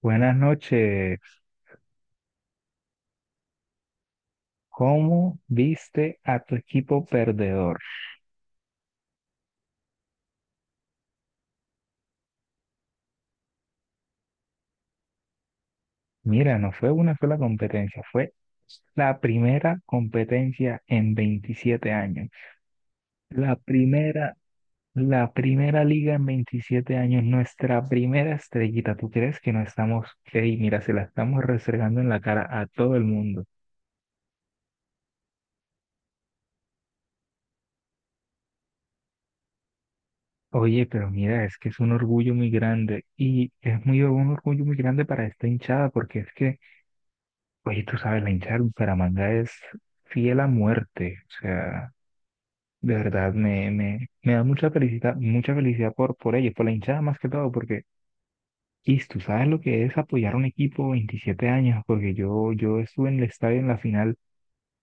Buenas noches. ¿Cómo viste a tu equipo perdedor? Mira, no fue una sola competencia, fue la primera competencia en 27 años. La primera, la primera liga en 27 años, nuestra primera estrellita. ¿Tú crees que no estamos, ey, mira, se la estamos restregando en la cara a todo el mundo? Oye, pero mira, es que es un orgullo muy grande y es muy un orgullo muy grande para esta hinchada porque es que... Oye, tú sabes, la hinchada de Bucaramanga es fiel a muerte. O sea, de verdad me da mucha felicidad por ellos, por la hinchada más que todo, porque, y tú sabes lo que es apoyar a un equipo 27 años, porque yo estuve en el estadio en la final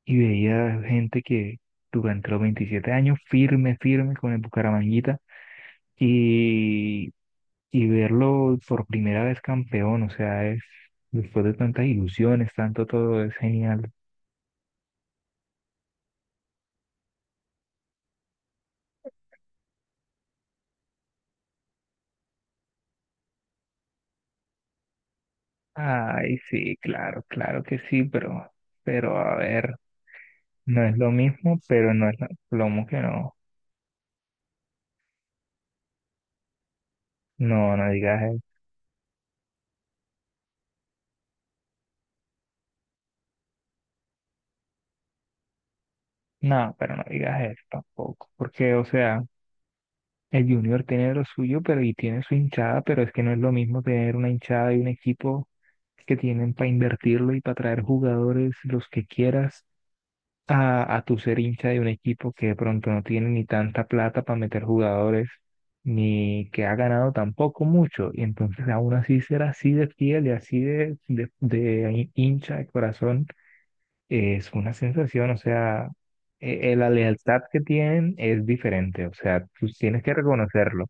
y veía gente que durante los 27 años firme, firme con el Bucaramanguita y, y verlo por primera vez campeón, o sea, es después de tantas ilusiones, tanto todo, es genial. Ay, sí, claro, claro que sí, pero a ver, no es lo mismo, pero no es lo plomo que no. No, no digas eso. No, pero no digas eso tampoco. Porque, o sea, el Junior tiene lo suyo, pero y tiene su hinchada, pero es que no es lo mismo tener una hinchada y un equipo que tienen para invertirlo y para traer jugadores los que quieras a tu ser hincha de un equipo que de pronto no tiene ni tanta plata para meter jugadores, ni que ha ganado tampoco mucho, y entonces aún así ser así de fiel y así de hincha de corazón es una sensación, o sea, la lealtad que tienen es diferente, o sea, tú tienes que reconocerlo,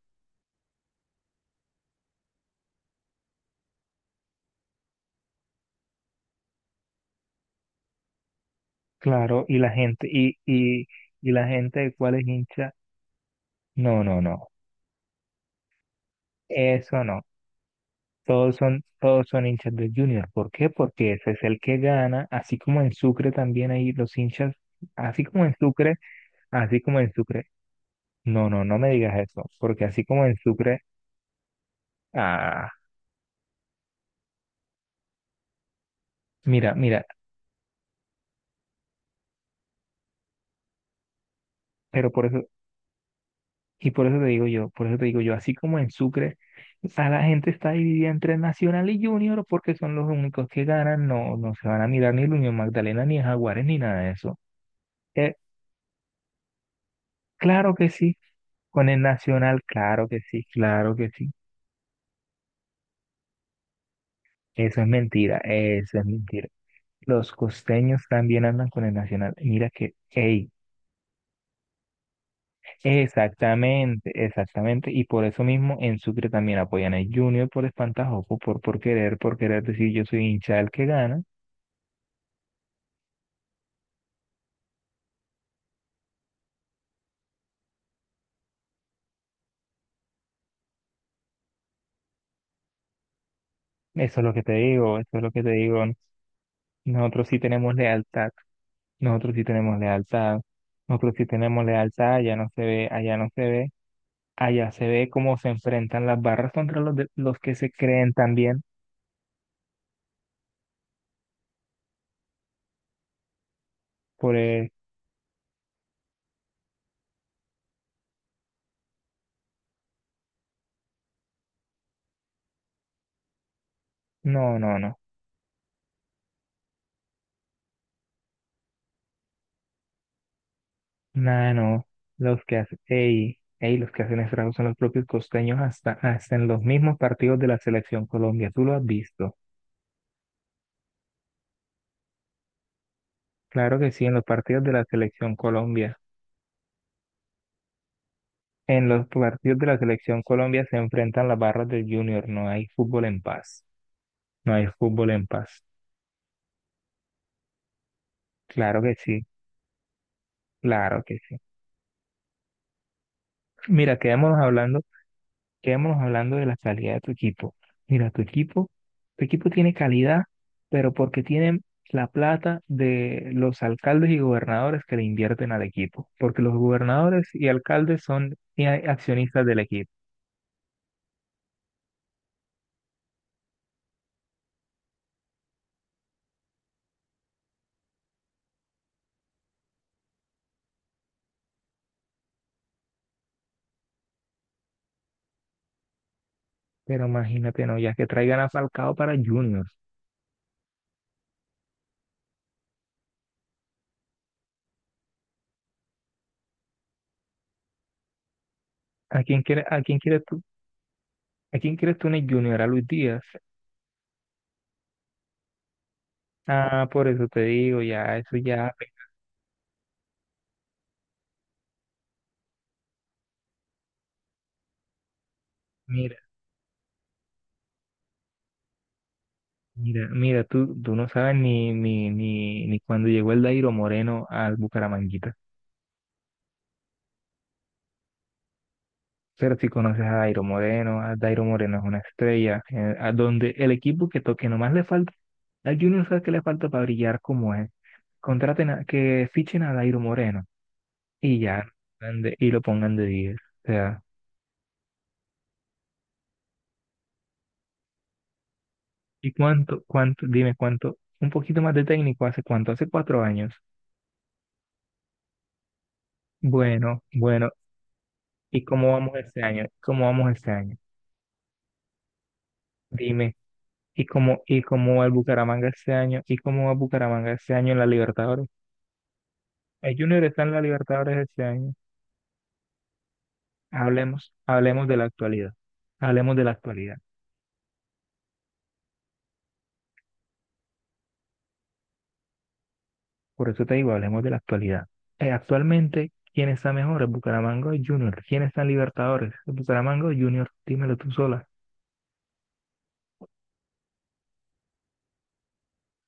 claro, y la gente, y la gente de cuál es hincha, no, no, no, eso no. Todos son hinchas del Junior. ¿Por qué? Porque ese es el que gana, así como en Sucre también hay los hinchas, así como en Sucre, así como en Sucre. No, no, no me digas eso, porque así como en Sucre, ah, mira, mira, pero por eso, y por eso te digo yo, por eso te digo yo, así como en Sucre, a la gente está dividida entre Nacional y Junior porque son los únicos que ganan, no, no se van a mirar ni el Unión Magdalena, ni el Jaguares, ni nada de eso. Eh, claro que sí, con el Nacional, claro que sí, claro que sí. Eso es mentira, eso es mentira. Los costeños también andan con el Nacional. Mira que, ey, exactamente, exactamente. Y por eso mismo en Sucre también apoyan al Junior por espantajopo, por querer decir yo soy hincha del que gana. Eso es lo que te digo, eso es lo que te digo. Nosotros sí tenemos lealtad, nosotros sí tenemos lealtad, nosotros sí tenemos lealtad, allá no se ve, allá no se ve, allá se ve cómo se enfrentan las barras contra los que se creen también por... eh, no, no, no. Nada, no. Los que hacen, ey, ey, los que hacen estragos son los propios costeños hasta, hasta en los mismos partidos de la Selección Colombia. ¿Tú lo has visto? Claro que sí, en los partidos de la Selección Colombia. En los partidos de la Selección Colombia se enfrentan las barras del Junior. No hay fútbol en paz. No hay fútbol en paz. Claro que sí, claro que sí. Mira, quedémonos hablando de la calidad de tu equipo. Mira, tu equipo tiene calidad, pero porque tienen la plata de los alcaldes y gobernadores que le invierten al equipo, porque los gobernadores y alcaldes son accionistas del equipo. Pero imagínate, no, ya que traigan a Falcao para Juniors. ¿A quién quiere, a quién quieres tú? ¿A quién quieres tú en el Junior? ¿A Luis Díaz? Ah, por eso te digo, ya, eso ya, mira. Mira, mira, tú no sabes ni cuando llegó el Dairo Moreno al Bucaramanga. Pero si conoces a Dairo Moreno es una estrella, a donde el equipo que toque nomás le falta, al Junior sabe que le falta para brillar como es. Contraten a, que fichen a Dairo Moreno y ya, y lo pongan de 10. O sea, ¿y dime cuánto, un poquito más de técnico, hace cuánto, hace cuatro años. Bueno, bueno, ¿y cómo vamos este año? ¿Cómo vamos este año? Dime, ¿y y cómo va el Bucaramanga este año? ¿Y cómo va Bucaramanga este año en la Libertadores? El Junior está en la Libertadores este año. Hablemos, hablemos de la actualidad. Hablemos de la actualidad. Por eso te digo, hablemos de la actualidad. Actualmente, ¿quién está mejor? ¿El Bucaramanga o el Junior? ¿Quién está en Libertadores? ¿El Bucaramanga o el Junior? Dímelo tú sola.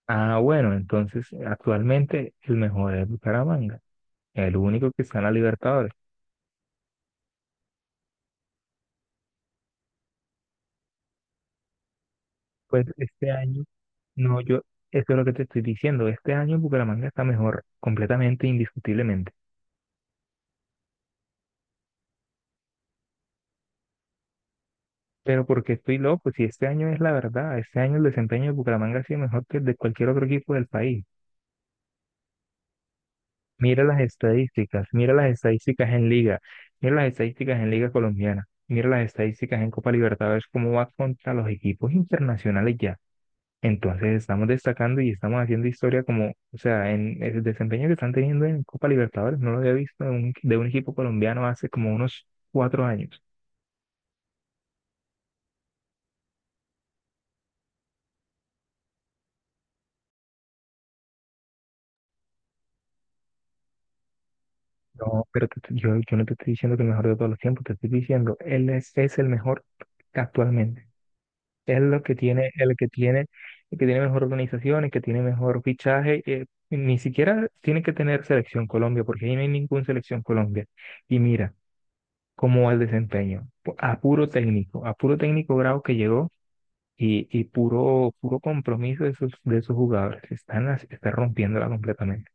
Ah, bueno, entonces actualmente el mejor es el Bucaramanga, el único que está en la Libertadores. Pues este año, no, yo, eso es lo que te estoy diciendo. Este año el Bucaramanga está mejor, completamente, indiscutiblemente. Pero porque estoy loco, si este año es la verdad, este año el desempeño de Bucaramanga ha sido mejor que el de cualquier otro equipo del país. Mira las estadísticas en Liga, mira las estadísticas en Liga Colombiana, mira las estadísticas en Copa Libertadores, cómo va contra los equipos internacionales ya. Entonces estamos destacando y estamos haciendo historia como, o sea, en el desempeño que están teniendo en Copa Libertadores, no lo había visto de de un equipo colombiano hace como unos cuatro años. No, pero yo, yo no te estoy diciendo que el mejor de todos los tiempos, te estoy diciendo, es el mejor actualmente. Es lo que tiene, el que tiene mejor organización, el que tiene mejor fichaje. Ni siquiera tiene que tener selección Colombia, porque ahí no hay ninguna selección Colombia. Y mira cómo va el desempeño. A puro técnico bravo que llegó y puro, puro compromiso de sus jugadores. Está rompiéndola completamente.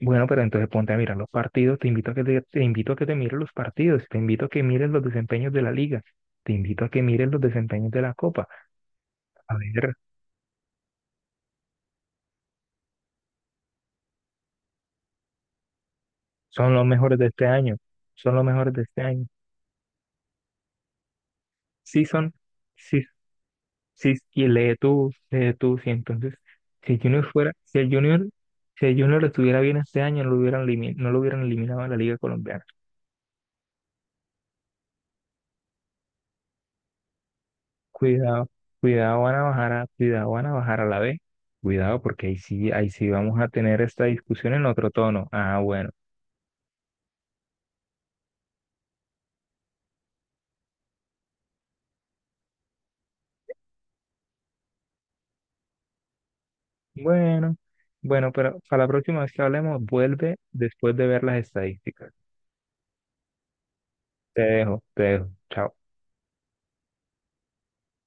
Bueno, pero entonces ponte a mirar los partidos, te invito a que te invito a que te mires los partidos, te invito a que mires los desempeños de la liga, te invito a que mires los desempeños de la copa. A ver, son los mejores de este año, son los mejores de este año. Sí son, sí, sí, y lee tú, sí. Entonces, si el Junior fuera, si el Junior, si el Junior estuviera bien este año, no lo hubieran eliminado a la liga colombiana. Cuidado, cuidado Guanabajara la ve. Cuidado porque ahí sí vamos a tener esta discusión en otro tono. Ah, bueno. Bueno, bueno, pero para la próxima vez que hablemos, vuelve después de ver las estadísticas. Te dejo, te dejo. Chao.